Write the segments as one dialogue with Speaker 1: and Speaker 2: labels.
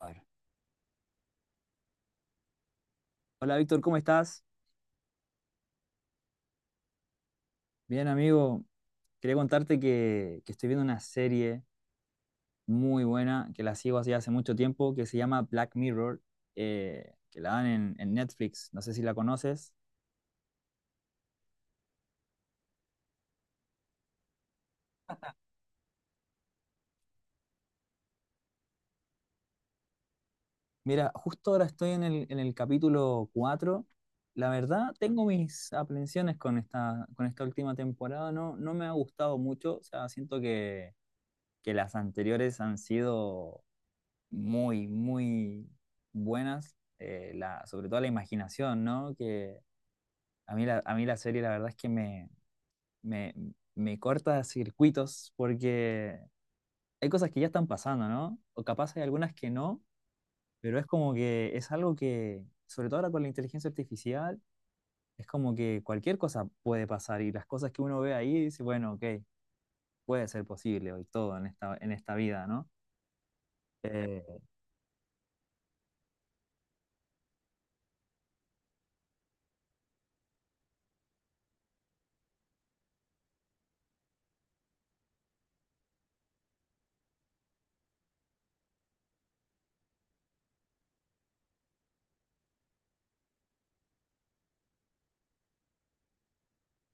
Speaker 1: Bueno. Hola Víctor, ¿cómo estás? Bien, amigo. Quería contarte que estoy viendo una serie muy buena que la sigo así hace mucho tiempo que se llama Black Mirror, que la dan en Netflix. No sé si la conoces. Mira, justo ahora estoy en el capítulo 4. La verdad, tengo mis aprensiones con esta última temporada. No, no me ha gustado mucho. O sea, siento que las anteriores han sido muy, muy buenas, sobre todo la imaginación, ¿no? Que a mí la serie la verdad es que me, me corta circuitos porque hay cosas que ya están pasando, ¿no? O capaz hay algunas que no, pero es como que es algo que, sobre todo ahora con la inteligencia artificial, es como que cualquier cosa puede pasar y las cosas que uno ve ahí dice, bueno, ok, puede ser posible hoy todo en esta vida, ¿no? Eh,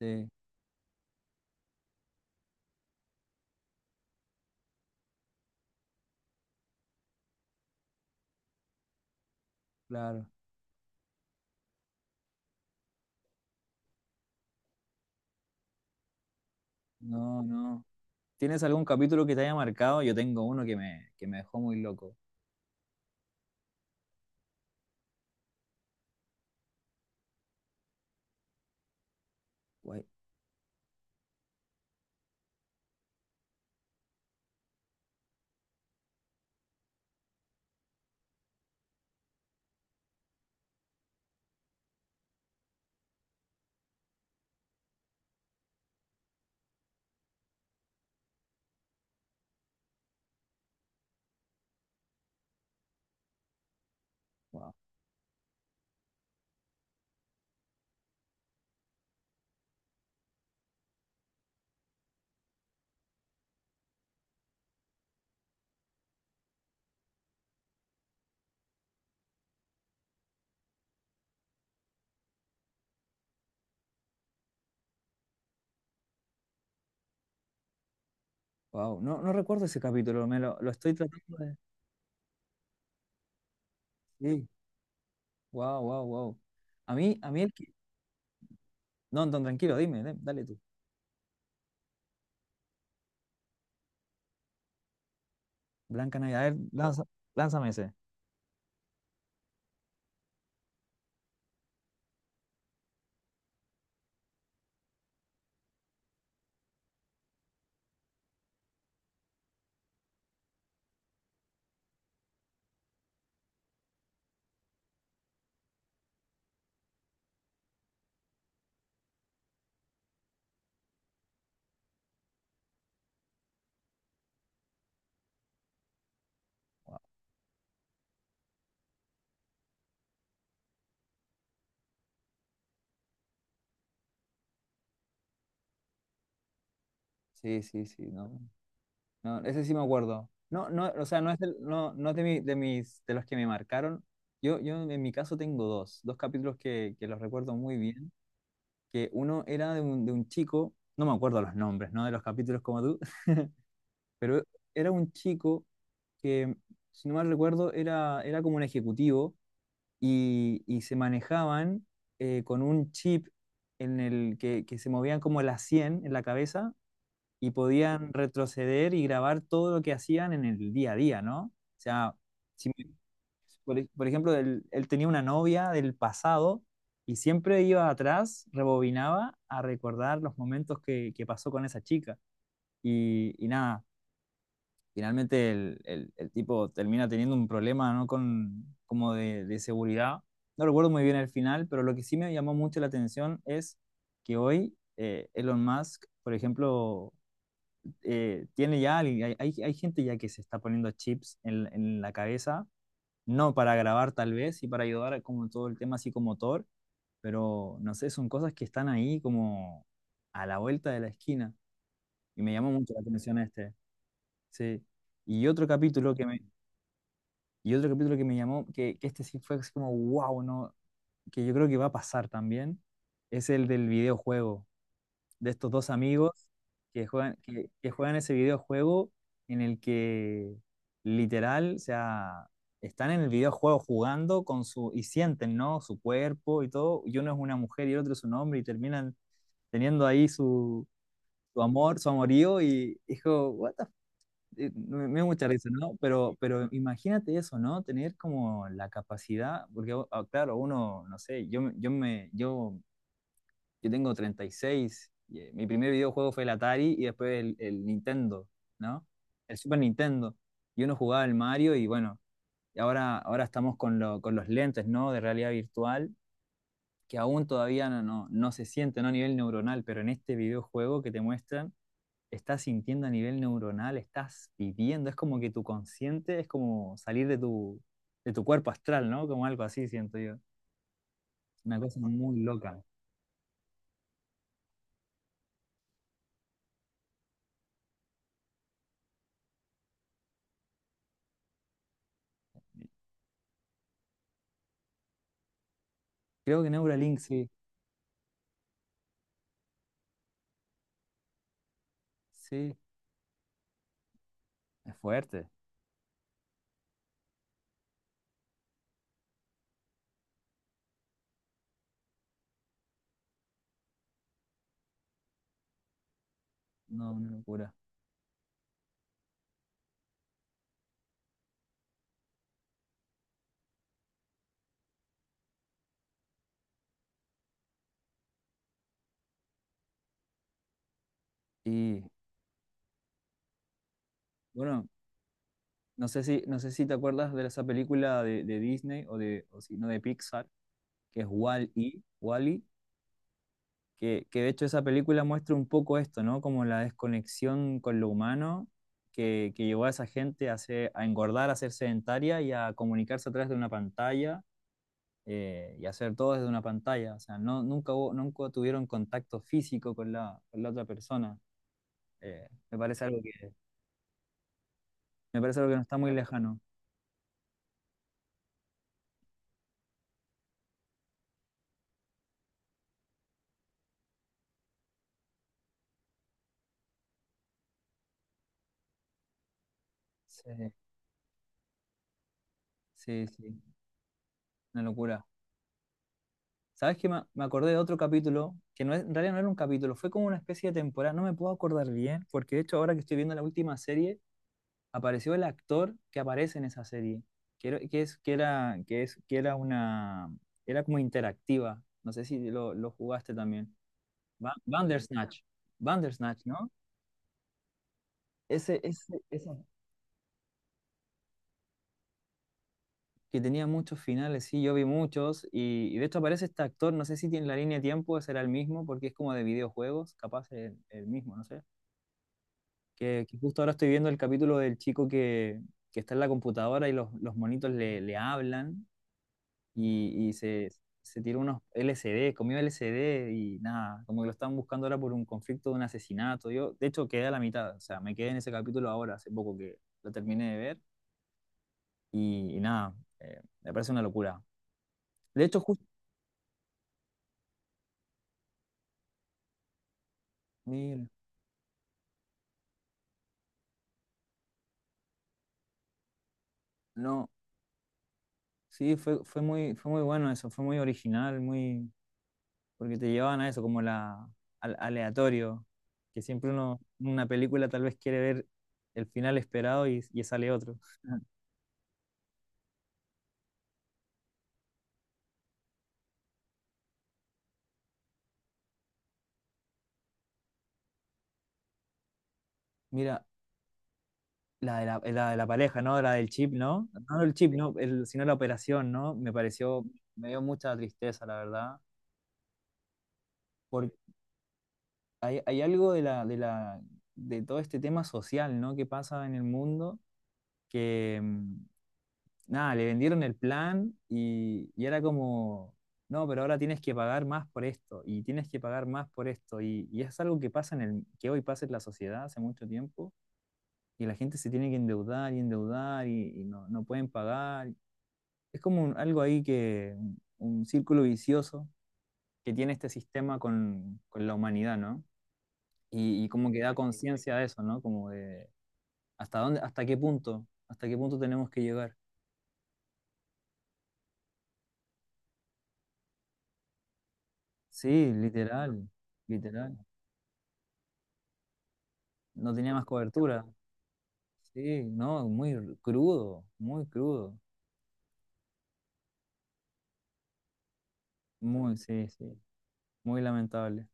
Speaker 1: sí, claro. No, no. ¿Tienes algún capítulo que te haya marcado? Yo tengo uno que me dejó muy loco. Guay, wow, wow. No, no recuerdo ese capítulo, me lo estoy tratando de. Sí, wow, wow, wow. A mí el que. No, no, tranquilo, dime, dale tú. Blanca Navidad, a ver, lánzame ese. Sí, sí, sí, no. No, ese sí me acuerdo. No, no, o sea, no es de, de mis, de los que me marcaron. Yo en mi caso tengo dos capítulos que los recuerdo muy bien, que uno era de un chico, no me acuerdo los nombres, ¿no? De los capítulos como tú. Pero era un chico que, si no mal recuerdo, era como un ejecutivo y se manejaban con un chip en el que se movían como las 100 en la cabeza y podían retroceder y grabar todo lo que hacían en el día a día, ¿no? O sea, si me- por ejemplo, él tenía una novia del pasado y siempre iba atrás, rebobinaba a recordar los momentos que pasó con esa chica. Y nada, finalmente el tipo termina teniendo un problema, ¿no? Con, como de seguridad. No recuerdo muy bien el final, pero lo que sí me llamó mucho la atención es que hoy Elon Musk, por ejemplo, hay gente ya que se está poniendo chips en la cabeza, no para grabar tal vez y para ayudar a como todo el tema psicomotor, pero no sé, son cosas que están ahí como a la vuelta de la esquina y me llamó mucho la atención este. Sí. Y otro capítulo que me, Y otro capítulo que me llamó, que este sí fue así como, wow, no, que yo creo que va a pasar también, es el del videojuego, de estos dos amigos que juegan ese videojuego en el que literal, o sea, están en el videojuego jugando y sienten, ¿no? Su cuerpo y todo, y uno es una mujer y el otro es un hombre y terminan teniendo ahí su amor, su amorío y dijo, what the me da mucha risa, ¿no? Pero imagínate eso, ¿no? Tener como la capacidad, porque ah, claro, uno, no sé, yo tengo 36, y, seis, y, mi primer videojuego fue el Atari y después el Nintendo, ¿no? El Super Nintendo. Y uno jugaba el Mario y bueno, y ahora estamos con los lentes, ¿no? De realidad virtual, que aún todavía no se siente, ¿no? A nivel neuronal, pero en este videojuego que te muestran estás sintiendo a nivel neuronal, estás viviendo, es como que tu consciente es como salir de tu cuerpo astral, ¿no? Como algo así, siento yo. Una cosa muy loca. Creo que Neuralink, sí, sí, es fuerte, no, una locura. Y bueno, no sé si te acuerdas de esa película de Disney o o si no, de Pixar, que es Wall-E, wall que de hecho esa película muestra un poco esto, ¿no? Como la desconexión con lo humano que llevó a esa gente a engordar, a ser sedentaria y a comunicarse a través de una pantalla, y hacer todo desde una pantalla. O sea, no, nunca tuvieron contacto físico con la otra persona. Eh, me parece algo que, Me parece algo que no está muy lejano. Sí, sí, sí, una locura. ¿Sabes qué? Me acordé de otro capítulo, que en realidad no era un capítulo, fue como una especie de temporada, no me puedo acordar bien, porque de hecho ahora que estoy viendo la última serie, apareció el actor que aparece en esa serie, que era, que es, que era, que es, que era una, era como interactiva, no sé si lo jugaste también. Ba- Bandersnatch, Bandersnatch, ¿no? Ese, que tenía muchos finales, sí, yo vi muchos, y de hecho aparece este actor, no sé si tiene la línea de tiempo, será el mismo, porque es como de videojuegos, capaz el mismo, no sé. Que justo ahora estoy viendo el capítulo del chico que está en la computadora y los monitos le hablan y se tira unos LSD comió LSD y nada, como que lo están buscando ahora por un conflicto de un asesinato. Yo, de hecho, quedé a la mitad, o sea, me quedé en ese capítulo ahora, hace poco que lo terminé de ver y nada, me parece una locura. De hecho, justo, mira, no, sí, fue muy bueno eso, fue muy original, muy. Porque te llevaban a eso, como al aleatorio, que siempre una película tal vez quiere ver el final esperado y sale otro. Mira, la de la pareja, ¿no? La del chip, ¿no? No el chip, no, sino la operación, ¿no? Me dio mucha tristeza, la verdad, porque hay algo de todo este tema social, ¿no? Que pasa en el mundo que nada, le vendieron el plan y era como, no, pero ahora tienes que pagar más por esto y tienes que pagar más por esto. Y es algo que pasa que hoy pasa en la sociedad hace mucho tiempo y la gente se tiene que endeudar y endeudar y no pueden pagar. Es como algo ahí un círculo vicioso que tiene este sistema con la humanidad, ¿no? Y como que da conciencia de eso, ¿no? Como de hasta dónde, hasta qué punto tenemos que llegar. Sí, literal, literal. No tenía más cobertura. Sí, no, muy crudo, muy crudo. Sí, sí, muy lamentable.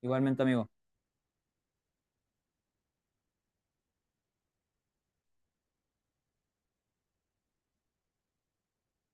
Speaker 1: Igualmente, amigo.